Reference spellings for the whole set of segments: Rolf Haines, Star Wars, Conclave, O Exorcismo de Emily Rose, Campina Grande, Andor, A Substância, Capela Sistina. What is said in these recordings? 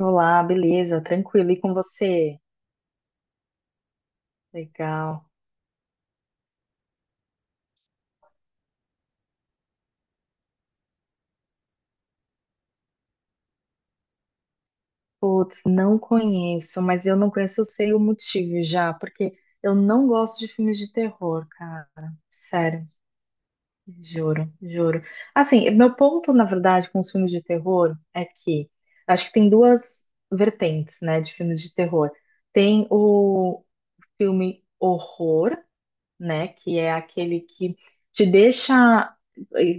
Olá, beleza? Tranquilo. E com você? Legal. Putz, não conheço, mas eu não conheço, eu sei o motivo já, porque eu não gosto de filmes de terror, cara. Sério, juro, juro. Assim, meu ponto, na verdade, com os filmes de terror é que acho que tem duas vertentes, né, de filmes de terror. Tem o filme horror, né? Que é aquele que te deixa,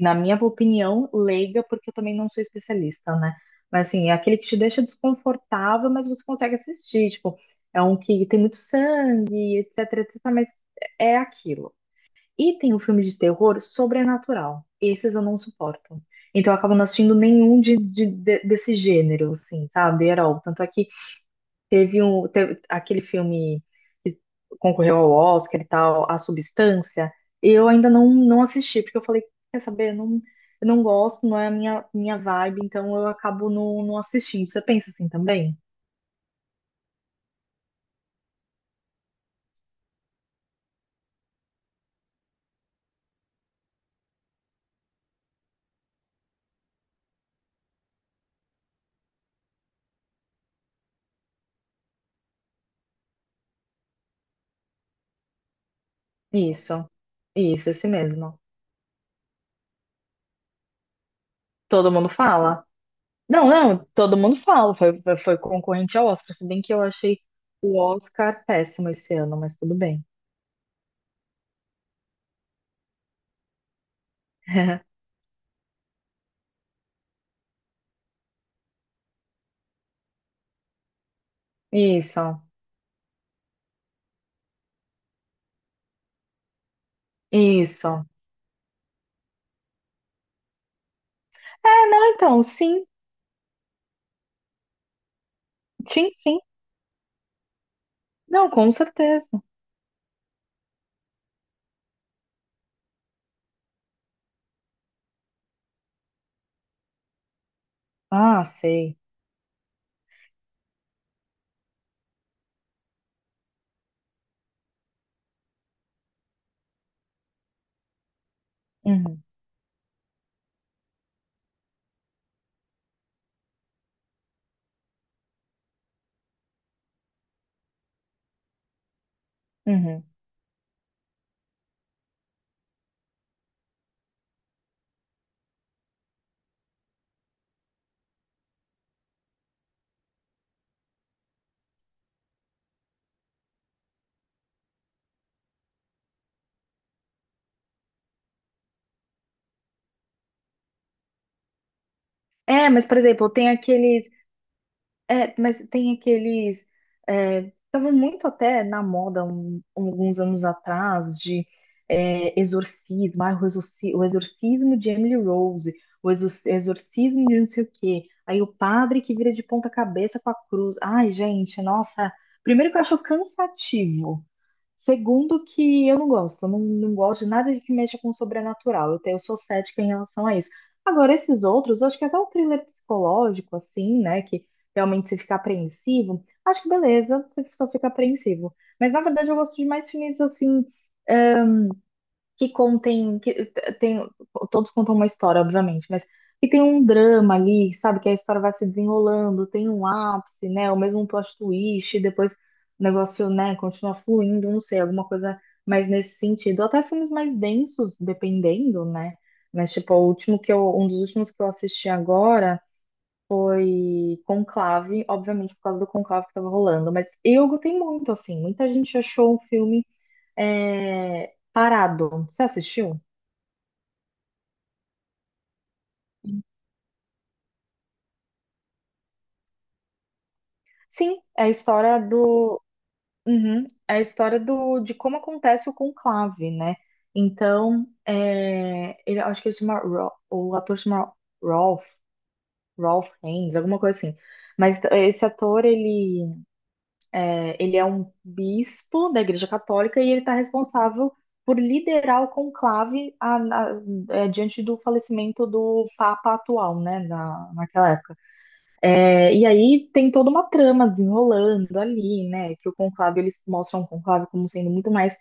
na minha opinião, leiga, porque eu também não sou especialista, né? Mas assim, é aquele que te deixa desconfortável, mas você consegue assistir, tipo, é um que tem muito sangue, etc, etc, mas é aquilo. E tem o filme de terror sobrenatural. Esses eu não suporto. Então eu acabo não assistindo nenhum desse gênero, assim, sabe? At all. Tanto é que teve aquele filme concorreu ao Oscar e tal, A Substância, eu ainda não assisti, porque eu falei, quer saber, eu não gosto, não é a minha vibe, então eu acabo não assistindo. Você pensa assim também? Isso, isso, esse mesmo. Todo mundo fala? Não, não, todo mundo fala, foi concorrente ao Oscar, se bem que eu achei o Oscar péssimo esse ano, mas tudo bem. Isso, isso. É, não, então, sim, sim, sim. Não, com certeza. Ah, sei. Uhum, uhum. É, mas, por exemplo, tem aqueles. É, mas tem aqueles. É, tava muito até na moda alguns anos atrás de exorcismo, ah, o exorcismo de Emily Rose, o exorcismo de não sei o quê. Aí o padre que vira de ponta cabeça com a cruz. Ai, gente, nossa. Primeiro que eu acho cansativo. Segundo que eu não gosto, eu não gosto de nada de que mexa com o sobrenatural. Eu sou cética em relação a isso. Agora, esses outros, acho que até o thriller psicológico, assim, né? Que realmente você fica apreensivo, acho que beleza, você só fica apreensivo. Mas na verdade eu gosto de mais filmes assim que contem, que tem, todos contam uma história, obviamente, mas que tem um drama ali, sabe? Que a história vai se desenrolando, tem um ápice, né? Ou mesmo um plot twist, e depois o negócio, né, continua fluindo, não sei, alguma coisa mais nesse sentido. Até filmes mais densos, dependendo, né? Mas, tipo, o último que eu, um dos últimos que eu assisti agora foi Conclave, obviamente por causa do Conclave que tava rolando, mas eu gostei muito, assim, muita gente achou o filme parado. Você assistiu? Sim, é a história do. Uhum, é a história do, de como acontece o conclave, né? Então, acho que ele chama. O ator chama Rolf, Rolf Haines, alguma coisa assim. Mas esse ator, ele é um bispo da Igreja Católica e ele está responsável por liderar o conclave diante do falecimento do Papa atual, né? Naquela época. E aí tem toda uma trama desenrolando ali, né? Que o conclave, eles mostram o conclave como sendo muito mais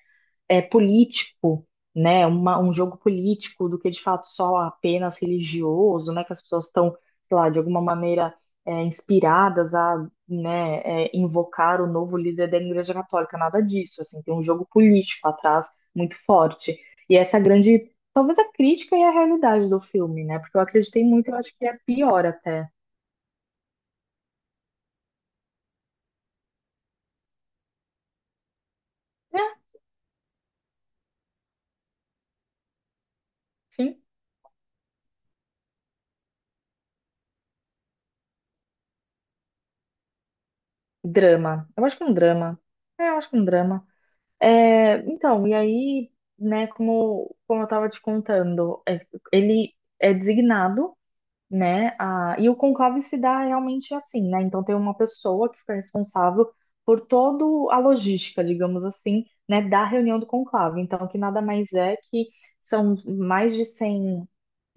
político, né? Um jogo político do que de fato só apenas religioso, né? Que as pessoas estão, sei lá, de alguma maneira inspiradas a, né, invocar o novo líder da Igreja Católica, nada disso, assim, tem um jogo político atrás muito forte. E essa é a grande, talvez a crítica e a realidade do filme, né? Porque eu acreditei muito, eu acho que é pior até. Né? Sim. Drama. Eu acho que é um drama. É, eu acho que é um drama. É, então, e aí, né, como eu tava te contando, ele é designado, né, e o conclave se dá realmente assim, né? Então tem uma pessoa que fica responsável por toda a logística, digamos assim, né, da reunião do conclave. Então, que nada mais é que são mais de 100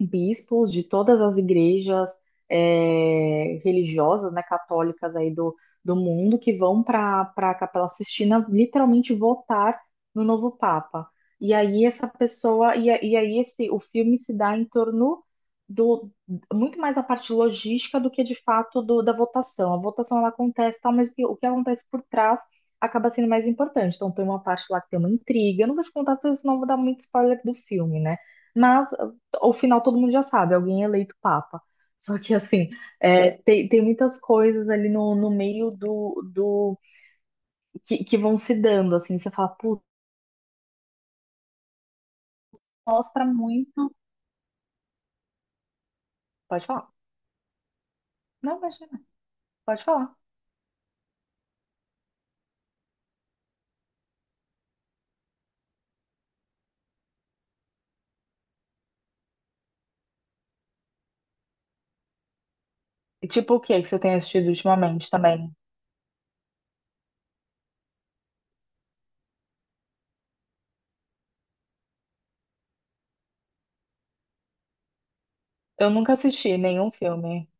bispos de todas as igrejas religiosas, né, católicas aí do mundo, que vão para a Capela Sistina literalmente votar no novo Papa. E aí essa pessoa, e aí esse, o filme se dá em torno do, muito mais a parte logística do que de fato do, da votação. A votação ela acontece, tal, mas o que acontece por trás acaba sendo mais importante. Então tem uma parte lá que tem uma intriga, eu não vou te contar, porque senão eu vou dar muito spoiler do filme, né? Mas o final todo mundo já sabe, alguém é eleito papa. Só que, assim, é, tem muitas coisas ali no meio do que vão se dando, assim. Você fala, putz, mostra muito. Pode falar. Não, imagina, pode falar. E tipo, o que é que você tem assistido ultimamente também? Eu nunca assisti nenhum filme.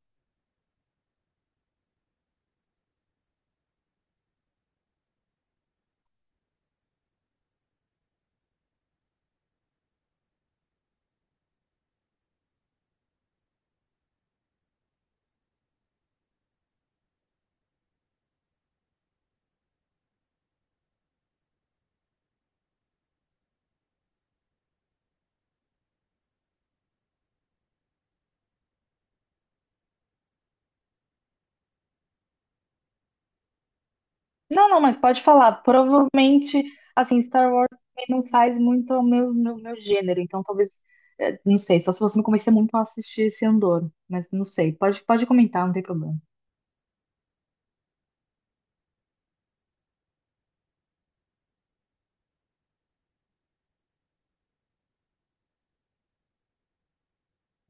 Não, não, mas pode falar. Provavelmente, assim, Star Wars também não faz muito o meu gênero, então talvez, é, não sei, só se você me convencer muito a assistir esse Andor, mas não sei. Pode comentar, não tem problema.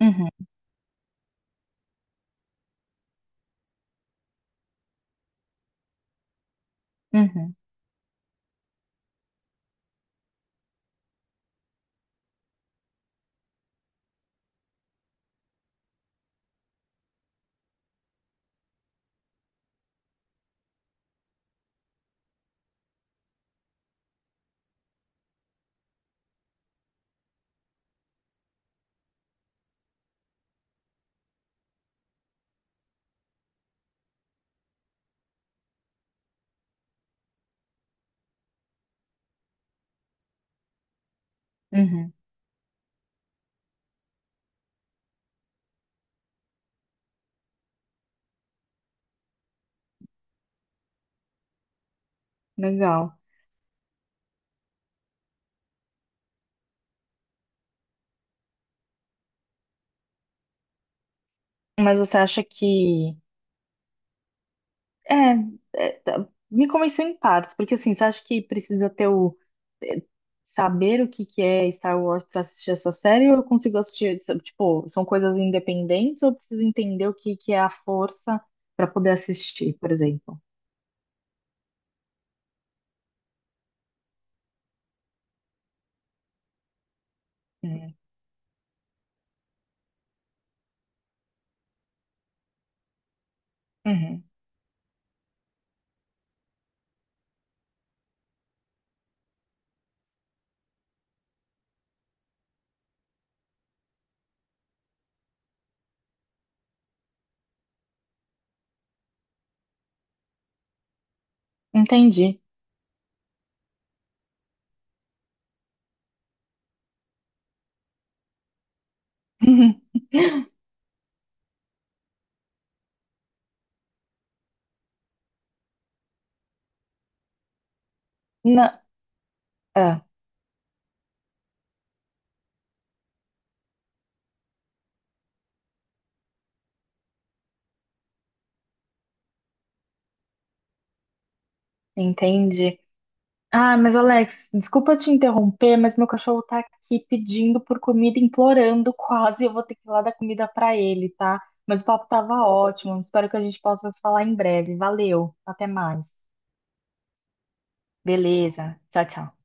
Uhum. Uhum, uhum, legal. Mas você acha que. É, me convenceu em partes, porque assim, você acha que precisa ter o. É, saber o que que é Star Wars para assistir essa série, ou eu consigo assistir, sabe, tipo, são coisas independentes, ou eu preciso entender o que que é a força para poder assistir, por exemplo? Uhum, uhum, entendi. Não, é, entendi. Ah, mas Alex, desculpa te interromper, mas meu cachorro tá aqui pedindo por comida, implorando quase. Eu vou ter que ir lá dar comida pra ele, tá? Mas o papo tava ótimo. Espero que a gente possa se falar em breve. Valeu, até mais. Beleza, tchau, tchau.